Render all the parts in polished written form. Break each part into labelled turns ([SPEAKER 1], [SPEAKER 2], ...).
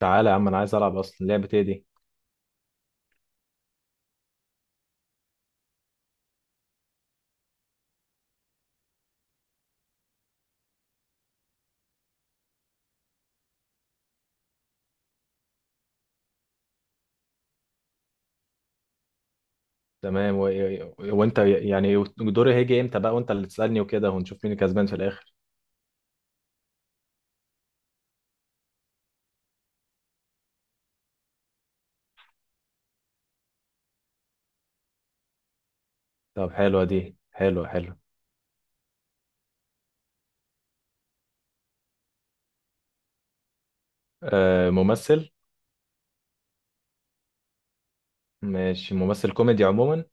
[SPEAKER 1] تعالى يا عم، انا عايز العب اصلا. لعبه ايه دي؟ تمام. وانت يعني دوري هيجي امتى بقى وانت اللي تسالني وكده ونشوف مين الكسبان في الاخر؟ طب حلوه دي، حلوه حلوه. ممثل. ماشي، ممثل كوميدي عموما.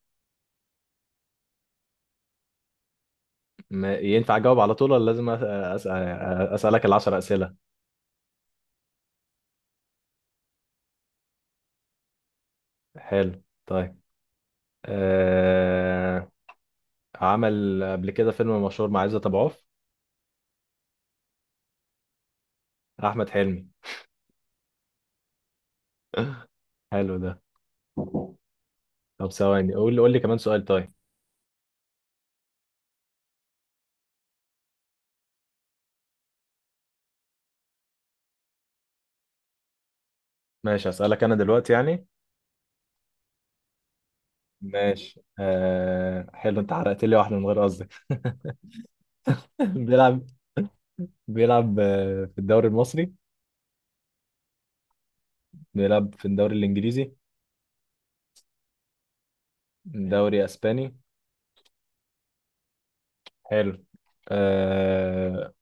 [SPEAKER 1] ما ينفع اجاوب على طول ولا لازم اسالك 10 اسئله؟ حلو. طيب. آه... عمل قبل كده فيلم مشهور مع عزت ابو عوف. احمد حلمي. حلو ده. طب ثواني، قول لي قول لي كمان سؤال. طيب. ماشي، اسالك انا دلوقتي يعني. ماشي، حلو. انت حرقت لي واحده من غير قصدك. بيلعب بيلعب في الدوري المصري؟ بيلعب في الدوري الانجليزي؟ دوري اسباني؟ حلو. آه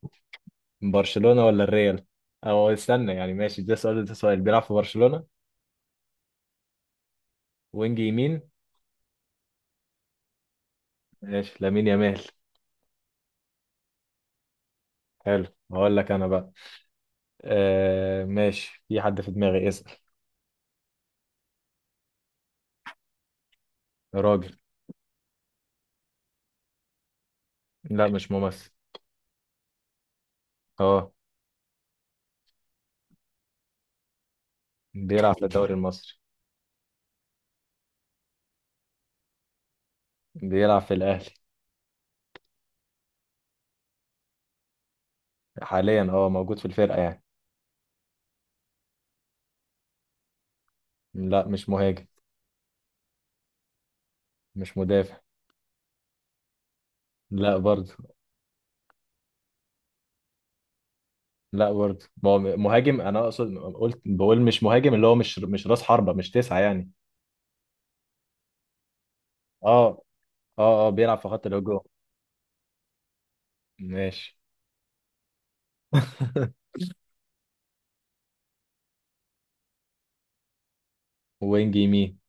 [SPEAKER 1] برشلونه ولا الريال؟ او استنى يعني ماشي، ده سؤال. بيلعب في برشلونه؟ وينج يمين. ماشي، لامين يامال. حلو. هقول لك انا بقى. ماشي، في حد في دماغي، اسال. راجل. لا، مش ممثل. اه، بيلعب في الدوري المصري. بيلعب في الاهلي. حاليا، موجود في الفرقه يعني. لا، مش مهاجم. مش مدافع. لا برضه. لا برضه، ما هو مهاجم. انا اقصد قلت بقول مش مهاجم، اللي هو مش راس حربة، مش تسعة يعني. اه اه اه، بيلعب في خط الهجوم. ماشي. وينج يمين؟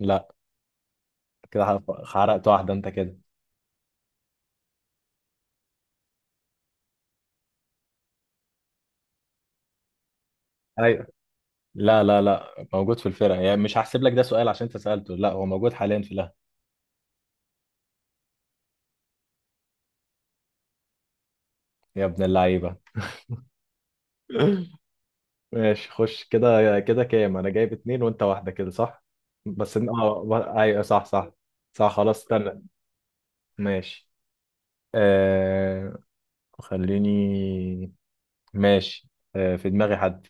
[SPEAKER 1] لا. كده حرقت واحدة انت كده. ايوه. لا لا لا، موجود في الفرقة، يعني مش هحسب لك ده سؤال عشان انت سألته. لا، هو موجود حاليا في الاهلي. يا ابن اللعيبة. ماشي، خش كده كده، كام انا جايب؟ اتنين وانت واحدة، كده صح. بس ايوه، صح صح. صح، خلاص استنى. ماشي. آه خليني. ماشي. في دماغي حد.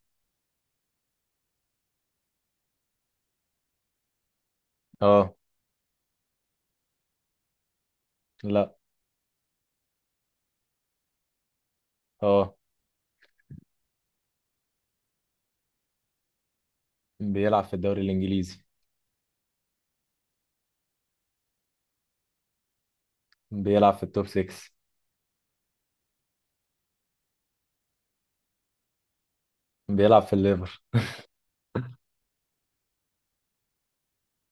[SPEAKER 1] اه. لا. اه، بيلعب في الدوري الانجليزي. بيلعب في التوب 6. بيلعب في الليفر.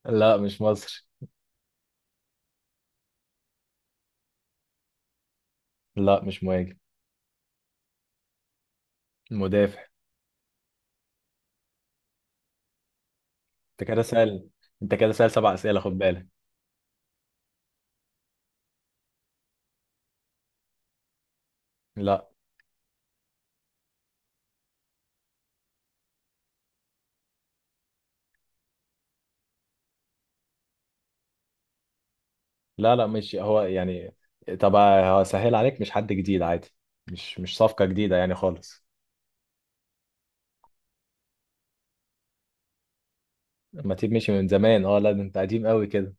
[SPEAKER 1] لا، مش مصري. لا، مش مهاجم. مدافع. انت كده سأل. انت كده سأل 7 اسئله، خد بالك. لا لا لا، مش هو يعني. طب، هو سهل عليك، مش حد جديد عادي. مش صفقه جديده يعني خالص. ما تيب مشي من زمان، اه. لا، ده انت قديم قوي كده.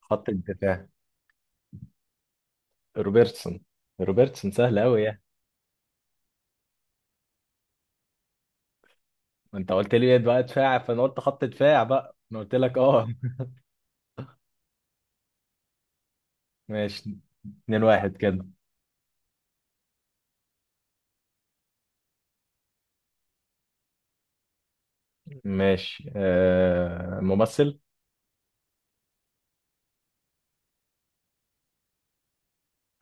[SPEAKER 1] خط الدفاع. روبرتسون. روبرتسون سهل قوي يعني. ما انت قلت لي بقى دفاع، فانا قلت خط دفاع بقى. انا قلت لك اه. ماشي. اتنين واحد كده. ماشي، ممثل.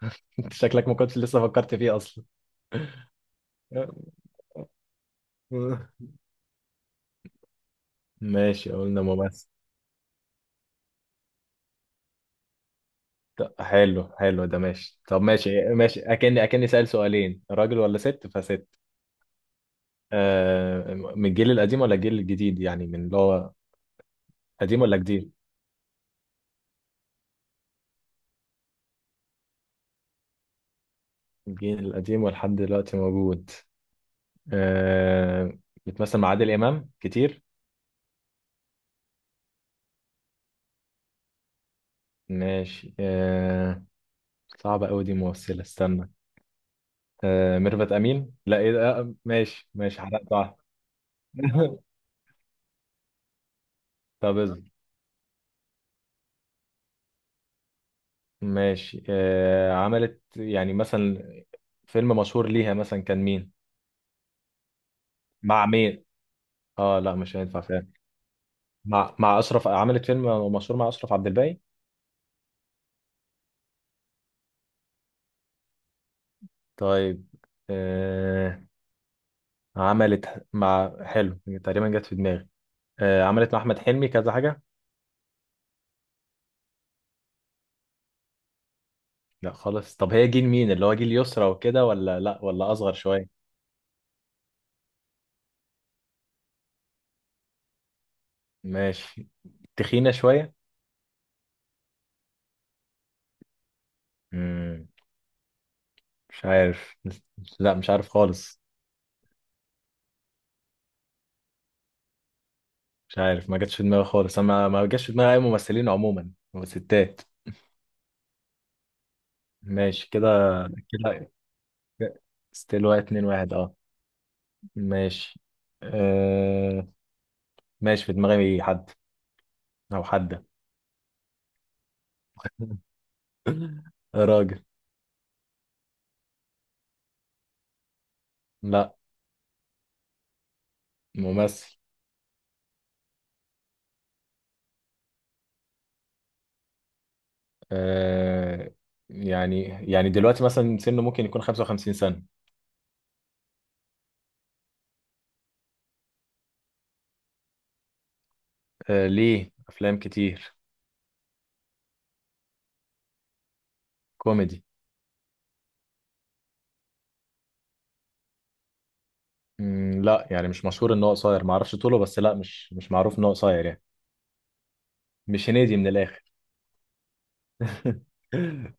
[SPEAKER 1] انت شكلك ما كنتش لسه فكرت فيه اصلا. ماشي، قلنا ممثل. طب حلو، حلو ده ماشي. طب ماشي ماشي، اكني سأل سؤالين. راجل ولا ست، فست. من الجيل القديم ولا الجيل الجديد، يعني من اللي هو قديم ولا جديد؟ الجيل القديم ولحد دلوقتي موجود. آه بتمثل مع عادل إمام كتير؟ ماشي. صعبة أوي دي، ممثلة استنى. ميرفت أمين، لا إيه ده، ماشي ماشي، حرقت واحدة. طب اصبر. ماشي، عملت يعني مثلا فيلم مشهور ليها، مثلا كان مين؟ مع مين؟ اه، لا مش هينفع فعلا. مع أشرف، عملت فيلم مشهور مع أشرف عبد الباقي؟ طيب. آه عملت مع، حلو، تقريبا جت في دماغي. عملت مع أحمد حلمي كذا حاجة؟ لا خلاص. طب هي جيل مين، اللي هو جيل يسرا وكده، ولا لا، ولا اصغر شويه؟ ماشي. تخينه شويه؟ امم مش عارف. لا، مش عارف خالص. مش عارف، ما جاتش في دماغي خالص. انا ما جاتش في دماغي اي ممثلين عموما. ستات. ماشي كده. كده ستيل واحد اتنين واحد اه. ماشي. آه... ماشي، في دماغي حد او حدة. راجل. لا. ممثل. آه... يعني دلوقتي مثلا سنه، ممكن يكون 55 سنة. ليه افلام كتير. كوميدي. لا، يعني مش مشهور ان هو قصير، ما اعرفش طوله، بس لا، مش معروف ان هو قصير يعني. مش هنيدي من الاخر.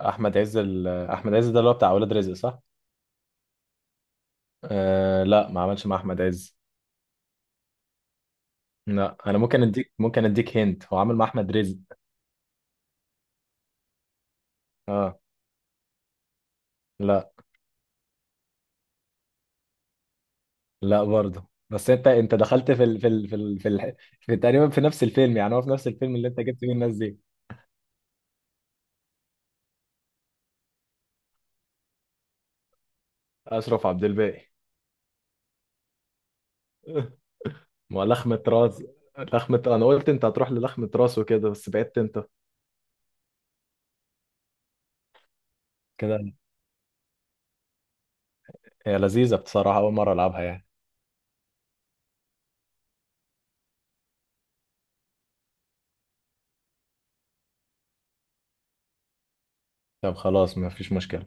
[SPEAKER 1] احمد عز احمد عز ده اللي هو بتاع اولاد رزق، صح. لا، ما عملش مع احمد عز. لا، انا ممكن اديك، هنت. هو عامل مع احمد رزق. اه. لا لا برضه. بس انت دخلت في في تقريبا في نفس الفيلم، يعني هو في نفس الفيلم اللي انت جبت فيه الناس دي. اشرف عبد الباقي. ما لخمة راس. لخمة، انا قلت انت هتروح للخمة راس وكده، بس بعدت انت. كده. هي لذيذة بصراحة، اول مرة العبها يعني. طب خلاص، ما فيش مشكلة.